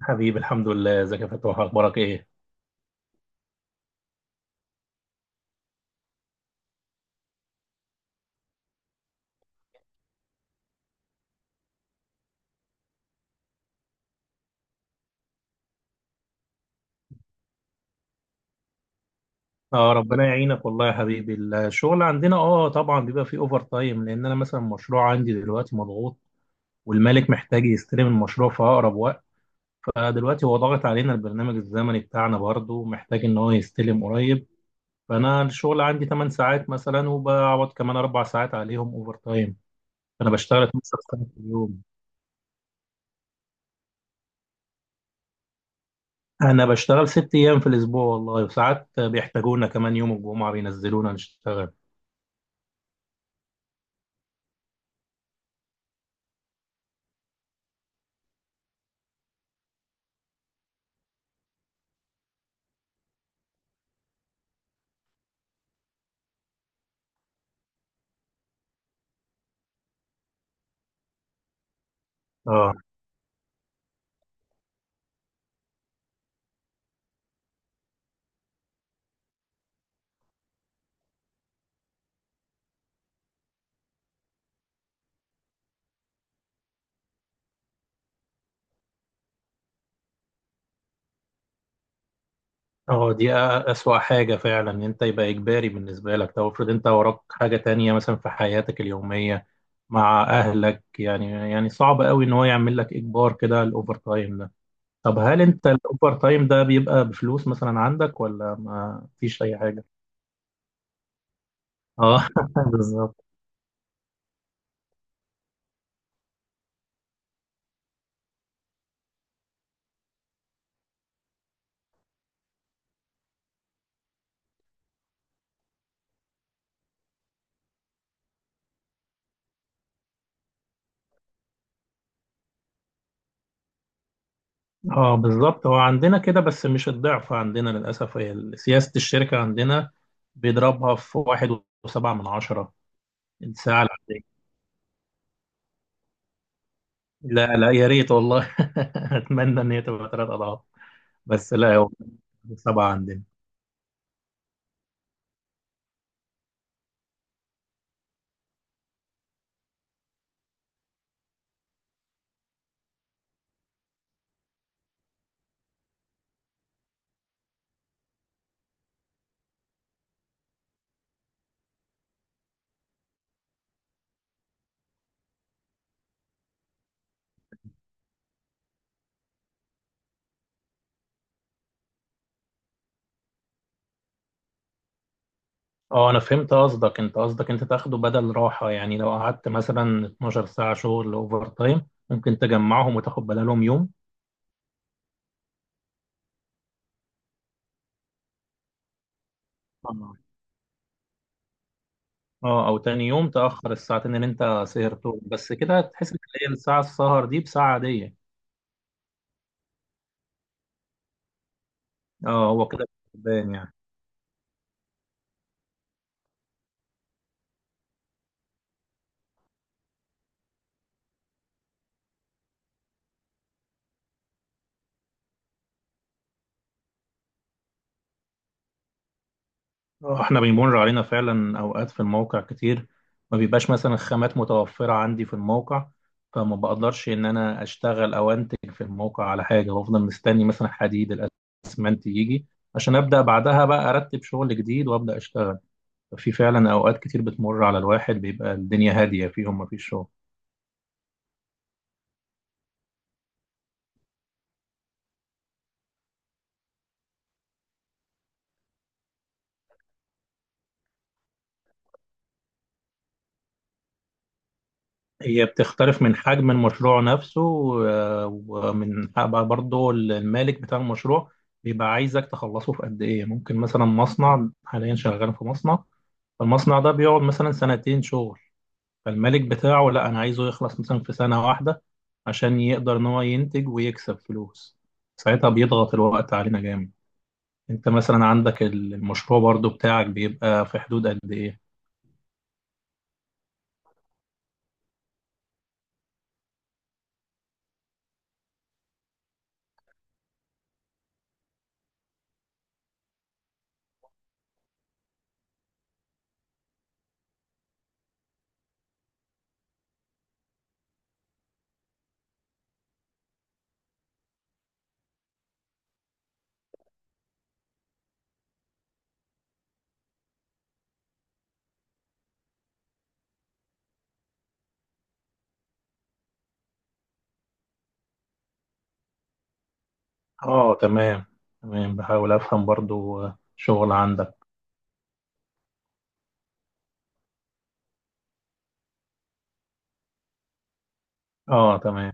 حبيبي، الحمد لله. ازيك يا فتوح؟ اخبارك ايه؟ اه ربنا يعينك والله يا حبيبي. الشغل عندنا طبعا بيبقى فيه اوفر تايم، لان انا مثلا المشروع عندي دلوقتي مضغوط، والمالك محتاج يستلم المشروع في اقرب وقت. فدلوقتي هو ضاغط علينا، البرنامج الزمني بتاعنا برضه محتاج ان هو يستلم قريب. فانا الشغل عندي 8 ساعات مثلا، وبقعد كمان 4 ساعات عليهم اوفر تايم. فانا بشتغل 12 ساعه في اليوم. انا بشتغل 6 ايام في الاسبوع والله، وساعات بيحتاجونا كمان يوم الجمعه بينزلونا نشتغل. اه. اه دي أ- أسوأ حاجة فعلا إن أنت يبقى إجباري بالنسبة لك. طب افرض أنت وراك حاجة تانية مثلا في حياتك اليومية مع أهلك، يعني صعب قوي إن هو يعمل لك إجبار كده الأوفر تايم ده. طب هل أنت الأوفر تايم ده بيبقى بفلوس مثلا عندك ولا ما فيش أي حاجة؟ اه بالظبط. اه، بالظبط. هو عندنا كده بس مش الضعف عندنا، للأسف هي سياسة الشركة عندنا. بيضربها في واحد وسبعة من عشرة الساعة العادية. لا، لا، يا ريت والله. اتمنى ان هي تبقى 3 اضعاف. بس لا، هو سبعه عندنا. اه، انا فهمت قصدك انت قصدك انت تاخده بدل راحه يعني، لو قعدت مثلا 12 ساعه شغل اوفر تايم، ممكن تجمعهم وتاخد بدلهم يوم. اه. او تاني يوم تاخر الساعتين اللي انت سهرتهم، بس كده تحس ان هي الساعه، السهر دي بساعه عاديه. اه، هو كده كسبان يعني. احنا بيمر علينا فعلا اوقات في الموقع كتير. ما بيبقاش مثلا الخامات متوفرة عندي في الموقع، فما بقدرش ان انا اشتغل او انتج في الموقع على حاجة، وافضل مستني مثلا حديد الاسمنت يجي عشان ابدا بعدها بقى ارتب شغل جديد وابدا اشتغل. في فعلا اوقات كتير بتمر على الواحد بيبقى الدنيا هادية فيهم، ما فيش شغل. هي بتختلف من حجم المشروع نفسه، ومن بقى برضه المالك بتاع المشروع بيبقى عايزك تخلصه في قد ايه. ممكن مثلا مصنع، حاليا شغال في مصنع، فالمصنع ده بيقعد مثلا سنتين شغل، فالمالك بتاعه لا، انا عايزه يخلص مثلا في سنة واحدة عشان يقدر ان هو ينتج ويكسب فلوس. ساعتها بيضغط الوقت علينا جامد. انت مثلا عندك المشروع برضه بتاعك بيبقى في حدود قد ايه؟ اه، تمام تمام. بحاول افهم برضه شغل عندك. اه، تمام.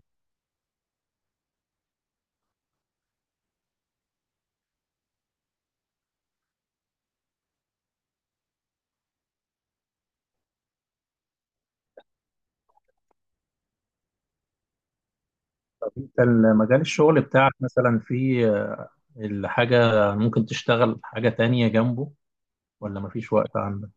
انت مجال الشغل بتاعك مثلا في الحاجة، ممكن تشتغل حاجة تانية جنبه ولا مفيش وقت عندك؟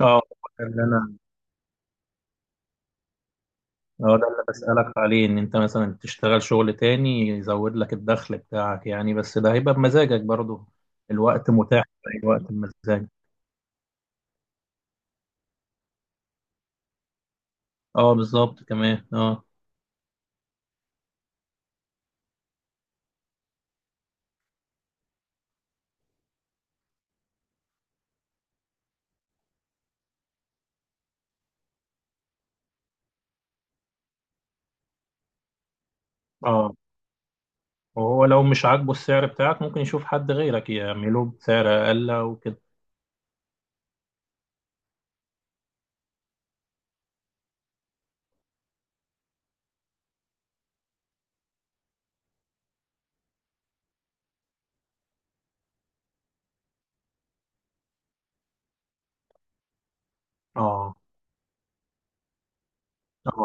اه ده اللي انا اه ده اللي بسألك عليه، ان انت مثلا تشتغل شغل تاني يزود لك الدخل بتاعك يعني. بس ده هيبقى بمزاجك برضه، الوقت متاح في اي وقت بمزاجك. اه بالظبط، كمان اه. اه، وهو لو مش عاجبه السعر بتاعك ممكن يشوف حد غيرك يعمله بسعر اقل وكده. اه. اه،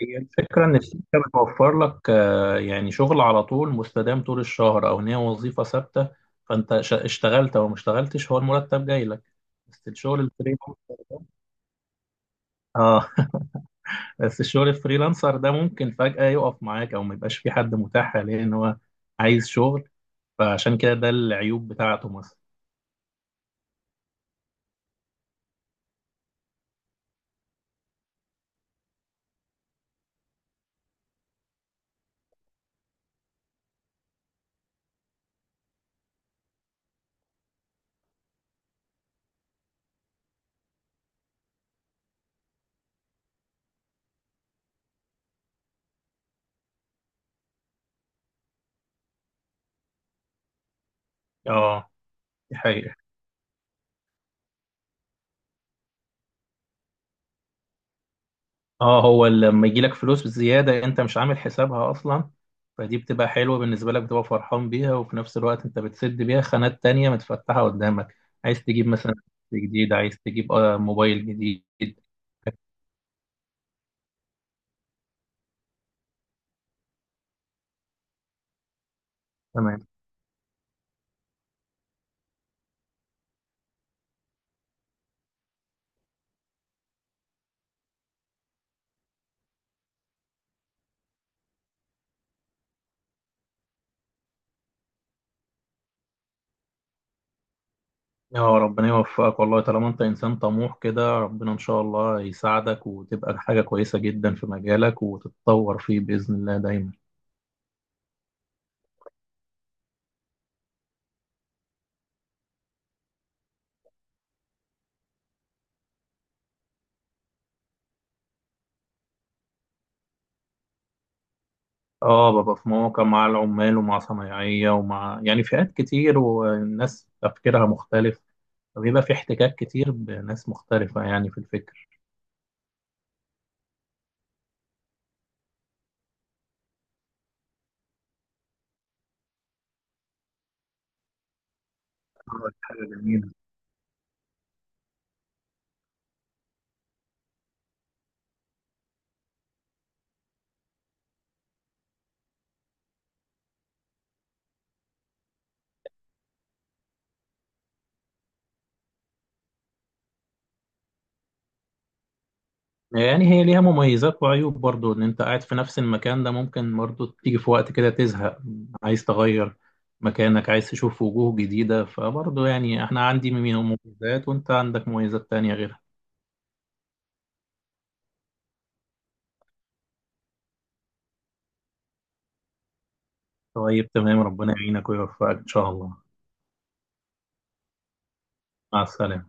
هي الفكرة إن الشركة بتوفر لك يعني شغل على طول مستدام طول الشهر، أو إن هي وظيفة ثابتة. فأنت اشتغلت أو ما اشتغلتش، هو المرتب جاي لك. بس الشغل الفريلانسر ده آه بس الشغل الفريلانسر ده ممكن فجأة يقف معاك، أو ما يبقاش في حد متاح حاليا إن هو عايز شغل. فعشان كده ده العيوب بتاعته مثلا. آه، دي حقيقة. اه، هو لما يجي لك فلوس زيادة انت مش عامل حسابها اصلا، فدي بتبقى حلوة بالنسبة لك، بتبقى فرحان بيها، وفي نفس الوقت انت بتسد بيها خانات تانية متفتحة قدامك. عايز تجيب مثلا جديد، عايز تجيب موبايل جديد. تمام. يا ربنا يوفقك والله، طالما انت انسان طموح كده ربنا ان شاء الله يساعدك وتبقى حاجة كويسة جدا في مجالك وتتطور فيه بإذن الله دايما. اه، ببقى في مواقع مع العمال ومع صنايعية ومع يعني فئات كتير، والناس تفكيرها مختلف، فبيبقى في احتكاك كتير بناس مختلفة يعني في الفكر. اه، دي حاجة جميلة. يعني هي ليها مميزات وعيوب برضو، ان انت قاعد في نفس المكان ده ممكن برضو تيجي في وقت كده تزهق، عايز تغير مكانك، عايز تشوف وجوه جديدة. فبرضو يعني احنا عندي من مميزات وانت عندك مميزات تانية غيرها. طيب، تمام. ربنا يعينك ويوفقك ان شاء الله. مع السلامة.